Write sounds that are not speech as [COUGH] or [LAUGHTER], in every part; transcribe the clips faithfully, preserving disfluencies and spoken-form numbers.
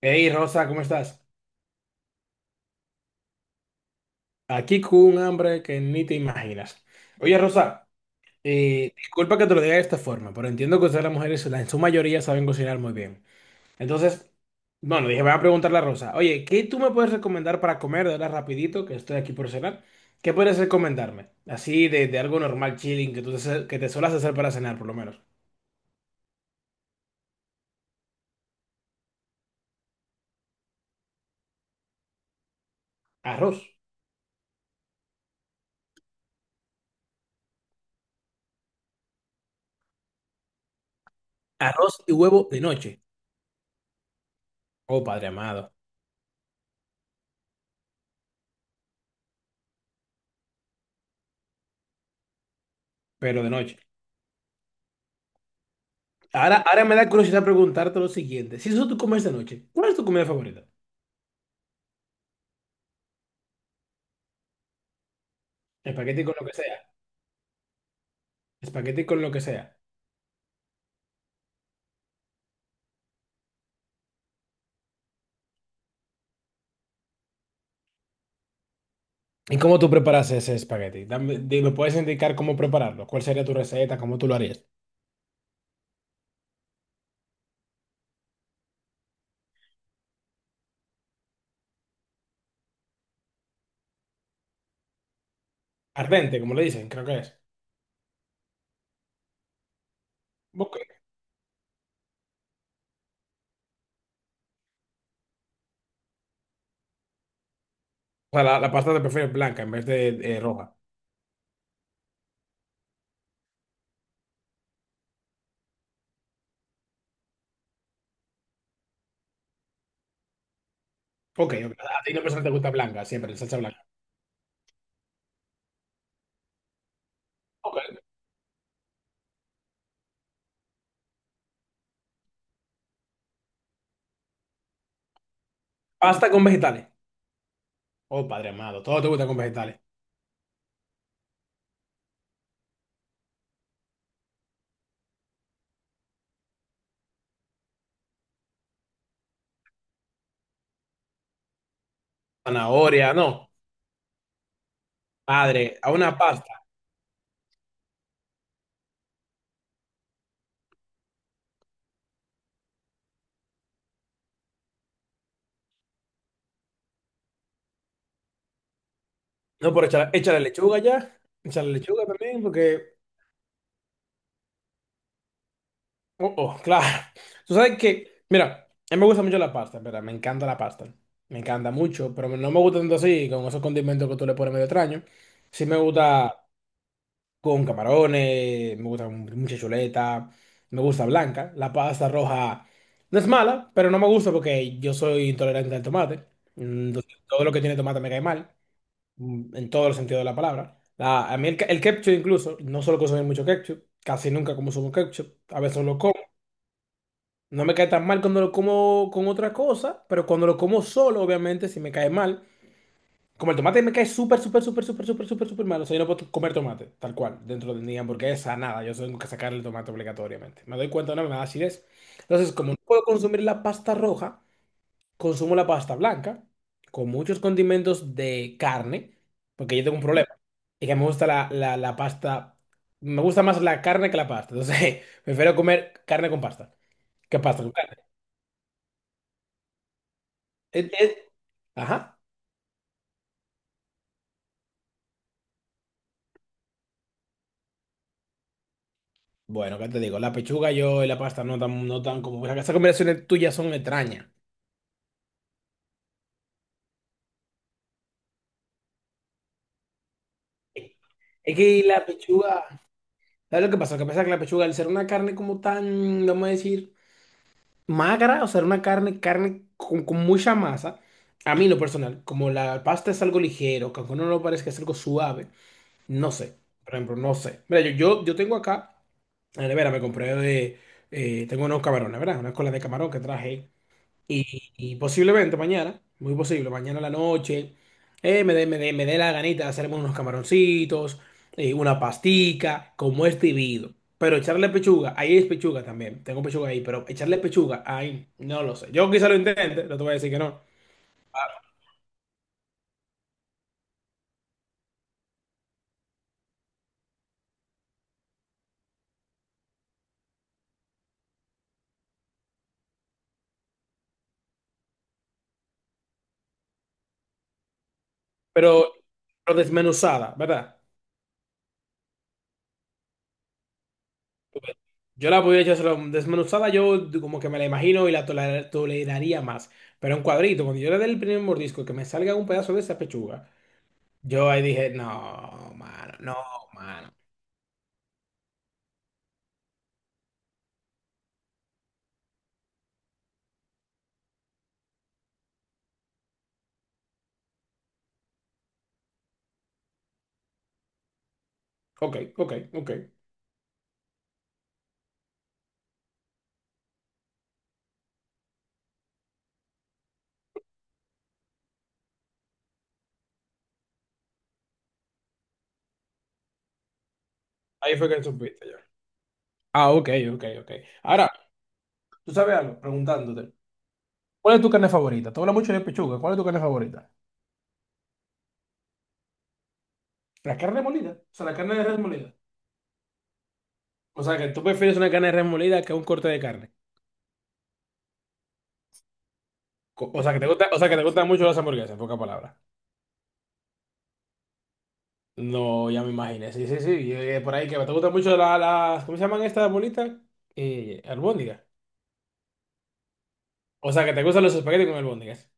Hey Rosa, ¿cómo estás? Aquí con un hambre que ni te imaginas. Oye Rosa, eh, disculpa que te lo diga de esta forma, pero entiendo que ustedes las mujeres la- en su mayoría saben cocinar muy bien. Entonces, bueno, dije, voy a preguntarle a Rosa, oye, ¿qué tú me puedes recomendar para comer de ahora rapidito, que estoy aquí por cenar? ¿Qué puedes recomendarme? Así de, de algo normal, chilling, que tú te, que te suelas hacer para cenar, por lo menos. Arroz. Arroz y huevo de noche. Oh, padre amado, pero de noche. Ahora, ahora me da curiosidad preguntarte lo siguiente. Si eso tú comes de noche, ¿cuál es tu comida favorita? Espagueti con lo que sea. Espagueti con lo que sea. ¿Y cómo tú preparas ese espagueti? Dame- di- ¿me puedes indicar cómo prepararlo? ¿Cuál sería tu receta? ¿Cómo tú lo harías? Ardente, como le dicen, creo que es. Ok. O sea, la, la pasta te prefieres blanca en vez de eh, roja. Ok, ok. A ti no persona te gusta blanca, siempre, la salsa blanca. Ok. Pasta con vegetales. Oh, padre amado, todo te gusta con vegetales. Zanahoria, no. Padre, a una pasta. No, pero échale, échale lechuga ya. Echa lechuga también, porque… Oh, oh, [LAUGHS] claro. Tú sabes que, mira, a mí me gusta mucho la pasta, ¿verdad? Me encanta la pasta. Me encanta mucho, pero no me gusta tanto así, con esos condimentos que tú le pones medio extraño. Sí me gusta con camarones, me gusta con mucha chuleta, me gusta blanca. La pasta roja no es mala, pero no me gusta porque yo soy intolerante al tomate. Entonces, todo lo que tiene tomate me cae mal, mm, en todos los sentidos de la palabra. La- a mí el, ke- el ketchup incluso, no solo consumir mucho ketchup, casi nunca consumo ketchup, a veces lo como. No me cae tan mal cuando lo como con otra cosa, pero cuando lo como solo, obviamente, si me cae mal. Como el tomate me cae súper, súper, súper, súper, súper, súper, súper mal. O sea, yo no puedo comer tomate, tal cual, dentro de mi hamburguesa, nada. Yo tengo que sacar el tomate obligatoriamente. Me doy cuenta, no me da acidez. Entonces, como no puedo consumir la pasta roja, consumo la pasta blanca con muchos condimentos de carne, porque yo tengo un problema. Y que me gusta la, la, la pasta, me gusta más la carne que la pasta. Entonces, [LAUGHS] prefiero comer carne con pasta que pasta con carne. Es- es- Ajá. Bueno, ¿qué te digo? La pechuga yo y la pasta no tan, no tan como… Esas combinaciones tuyas son extrañas. Es que la pechuga, ¿sabes lo que pasa? Lo que pasa es que la pechuga, al ser una carne como tan, vamos a decir, magra, o sea, una carne, carne con, con mucha masa, a mí en lo personal, como la pasta es algo ligero, que aunque uno no lo parezca es algo suave, no sé, por ejemplo, no sé. Mira, yo, yo, yo tengo acá, en la nevera me compré, de, eh, tengo unos camarones, ¿verdad? Una cola de camarón que traje. Y, y posiblemente mañana, muy posible, mañana a la noche, eh, me dé me dé- me dé la ganita de hacerme unos camaroncitos, eh, una pastica, como es debido. Pero echarle pechuga, ahí es pechuga también, tengo pechuga ahí, pero echarle pechuga, ahí, no lo sé. Yo quizá lo intente, no te voy a decir que no, pero, pero desmenuzada, ¿verdad? Yo la podría echárselo desmenuzada, yo como que me la imagino y la toler toleraría más. Pero en cuadrito, cuando yo le dé el primer mordisco, que me salga un pedazo de esa pechuga. Yo ahí dije, no, mano, no, mano. Ok, ok, ok. Ahí fue que supiste yo. Ah, ok, ok, ok. Ahora, tú sabes algo, preguntándote, ¿cuál es tu carne favorita? Tú hablas mucho de pechuga, ¿cuál es tu carne favorita? La carne molida, o sea, la carne de res molida. O sea, que tú prefieres una carne de res molida que un corte de carne. Co- O sea, que te gusta, o sea, que te gustan mucho las hamburguesas, en pocas palabras. No, ya me imaginé, sí, sí, sí, y, eh, por ahí que te gustan mucho la- las, ¿cómo se llaman estas bolitas? Eh, albóndigas. O sea, que te gustan los espaguetis con albóndigas.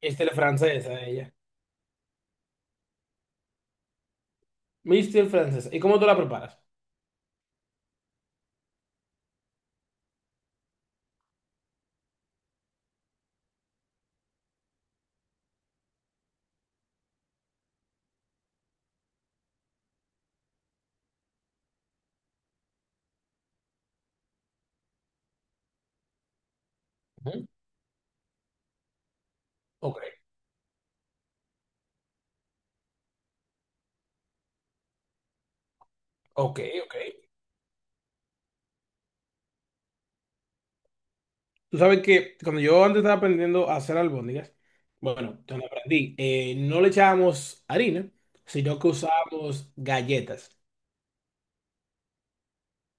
Este es francesa, ella. Mister francesa. ¿Y cómo tú la preparas? Ujú. Ok, ok, ok. Tú sabes que cuando yo antes estaba aprendiendo a hacer albóndigas, bueno, cuando aprendí, eh, no le echábamos harina, sino que usábamos galletas.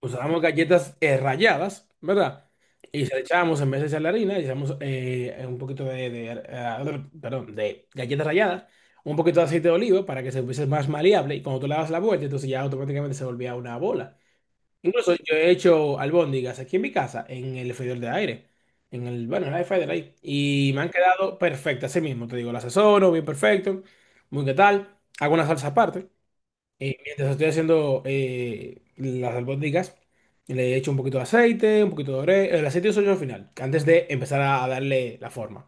Usábamos galletas eh, ralladas, ¿verdad? Y se le echábamos, en vez de echarle harina, le echábamos eh, un poquito de, de, eh, perdón, de galletas ralladas, un poquito de aceite de oliva para que se fuese más maleable. Y cuando tú le das la vuelta, entonces ya automáticamente se volvía una bola. Incluso yo he hecho albóndigas aquí en mi casa, en el freidor de aire, en el, bueno, en el air fryer ahí. Y me han quedado perfectas, así mismo, te digo, las asesoro, bien perfecto, muy qué tal. Hago una salsa aparte. Y mientras estoy haciendo eh, las albóndigas, le echo un poquito de aceite, un poquito de orégano. El aceite uso yo al final, antes de empezar a darle la forma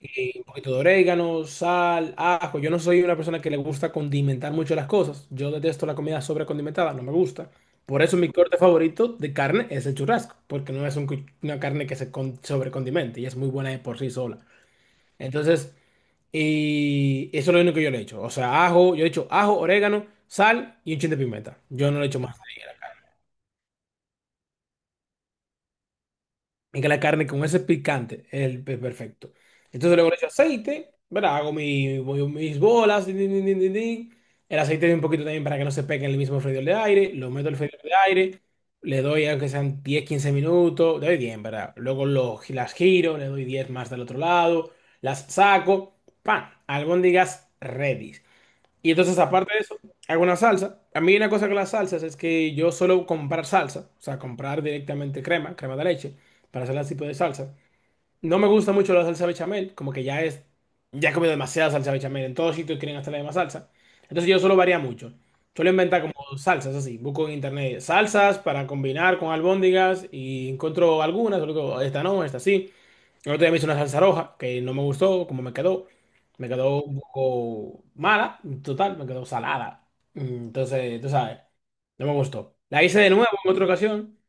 eh, un poquito de orégano, sal, ajo. Yo no soy una persona que le gusta condimentar mucho las cosas. Yo detesto la comida sobrecondimentada, no me gusta. Por eso mi corte favorito de carne es el churrasco, porque no es un cu- una carne que se con- sobrecondimente y es muy buena de por sí sola. Entonces, y eso es lo único que yo le echo. O sea, ajo, yo le echo ajo, orégano, sal y un chin de pimienta. Yo no le echo más. Y que la carne con ese picante es el pe- perfecto. Entonces luego le echo aceite, ¿verdad? Hago mi- voy- mis bolas, din, din, din, din, din, din. El aceite un poquito también para que no se pegue en el mismo freidor de aire. Lo meto al freidor de aire, le doy aunque sean diez quince minutos, le doy diez, ¿verdad? Luego lo, las giro, le doy diez más del otro lado, las saco, ¡pam! Albóndigas ready. Y entonces, aparte de eso, hago una salsa. A mí una cosa con las salsas es que yo suelo comprar salsa, o sea, comprar directamente crema, crema de leche, para hacer ese tipo de salsa. No me gusta mucho la salsa bechamel, como que ya es, ya he comido demasiada salsa bechamel, en todos sitios quieren hacer la misma salsa. Entonces yo suelo variar mucho. Suelo inventar como salsas así, busco en internet salsas para combinar con albóndigas y encuentro algunas, luego esta no, esta sí. El otro día me hice una salsa roja que no me gustó como me quedó. Me quedó un poco mala, total, me quedó salada. Mm, Entonces, tú sabes, no me gustó. La hice de nuevo en otra ocasión,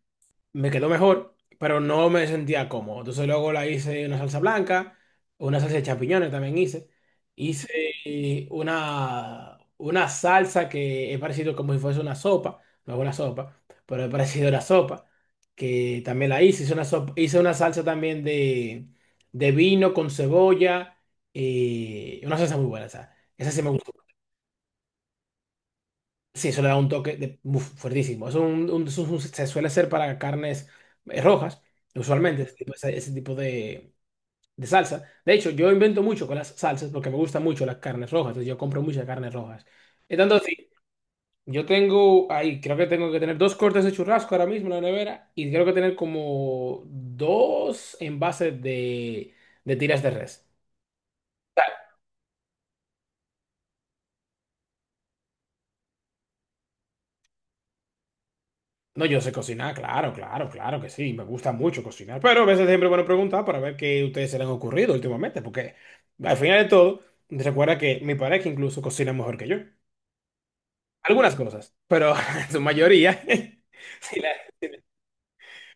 me quedó mejor, pero no me sentía cómodo. Entonces luego la hice una salsa blanca, una salsa de champiñones también hice. Hice una, una salsa que he parecido como si fuese una sopa, no es una sopa, pero he parecido una sopa, que también la hice. Hice una, sopa- hice una salsa también de, de vino con cebolla, y una salsa muy buena, esa. Esa sí me gustó. Sí, eso le da un toque de, uf, fuertísimo. Es un, un- es un- se suele hacer para carnes eh, rojas, usualmente, ese tipo, ese- ese tipo de, de salsa. De hecho, yo invento mucho con las salsas porque me gustan mucho las carnes rojas, entonces yo compro muchas carnes rojas. Y tanto así, yo tengo ahí, creo que tengo que tener dos cortes de churrasco ahora mismo en la nevera y creo que tener como dos envases de, de tiras de res. No, yo sé cocinar, claro, claro, claro que sí, me gusta mucho cocinar, pero a veces siempre es bueno preguntar para ver qué ustedes se les han ocurrido últimamente, porque al final de todo, recuerda que mi pareja incluso cocina mejor que yo, algunas cosas, pero [LAUGHS] en su mayoría, [LAUGHS] sí la-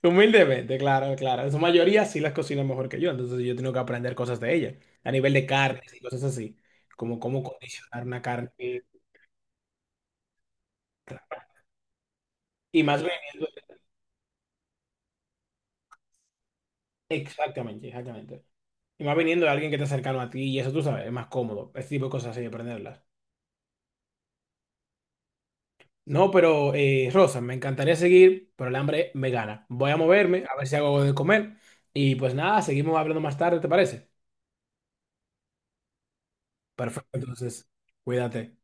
humildemente, claro, claro, en su mayoría sí las cocina mejor que yo, entonces yo tengo que aprender cosas de ella, a nivel de carnes y cosas así, como cómo condicionar una carne y más bien, exactamente, exactamente. Y más viniendo de alguien que está cercano a ti y eso tú sabes, es más cómodo. Ese tipo de cosas así de aprenderlas. No, pero eh, Rosa, me encantaría seguir, pero el hambre me gana. Voy a moverme, a ver si hago algo de comer. Y pues nada, seguimos hablando más tarde, ¿te parece? Perfecto, entonces, cuídate.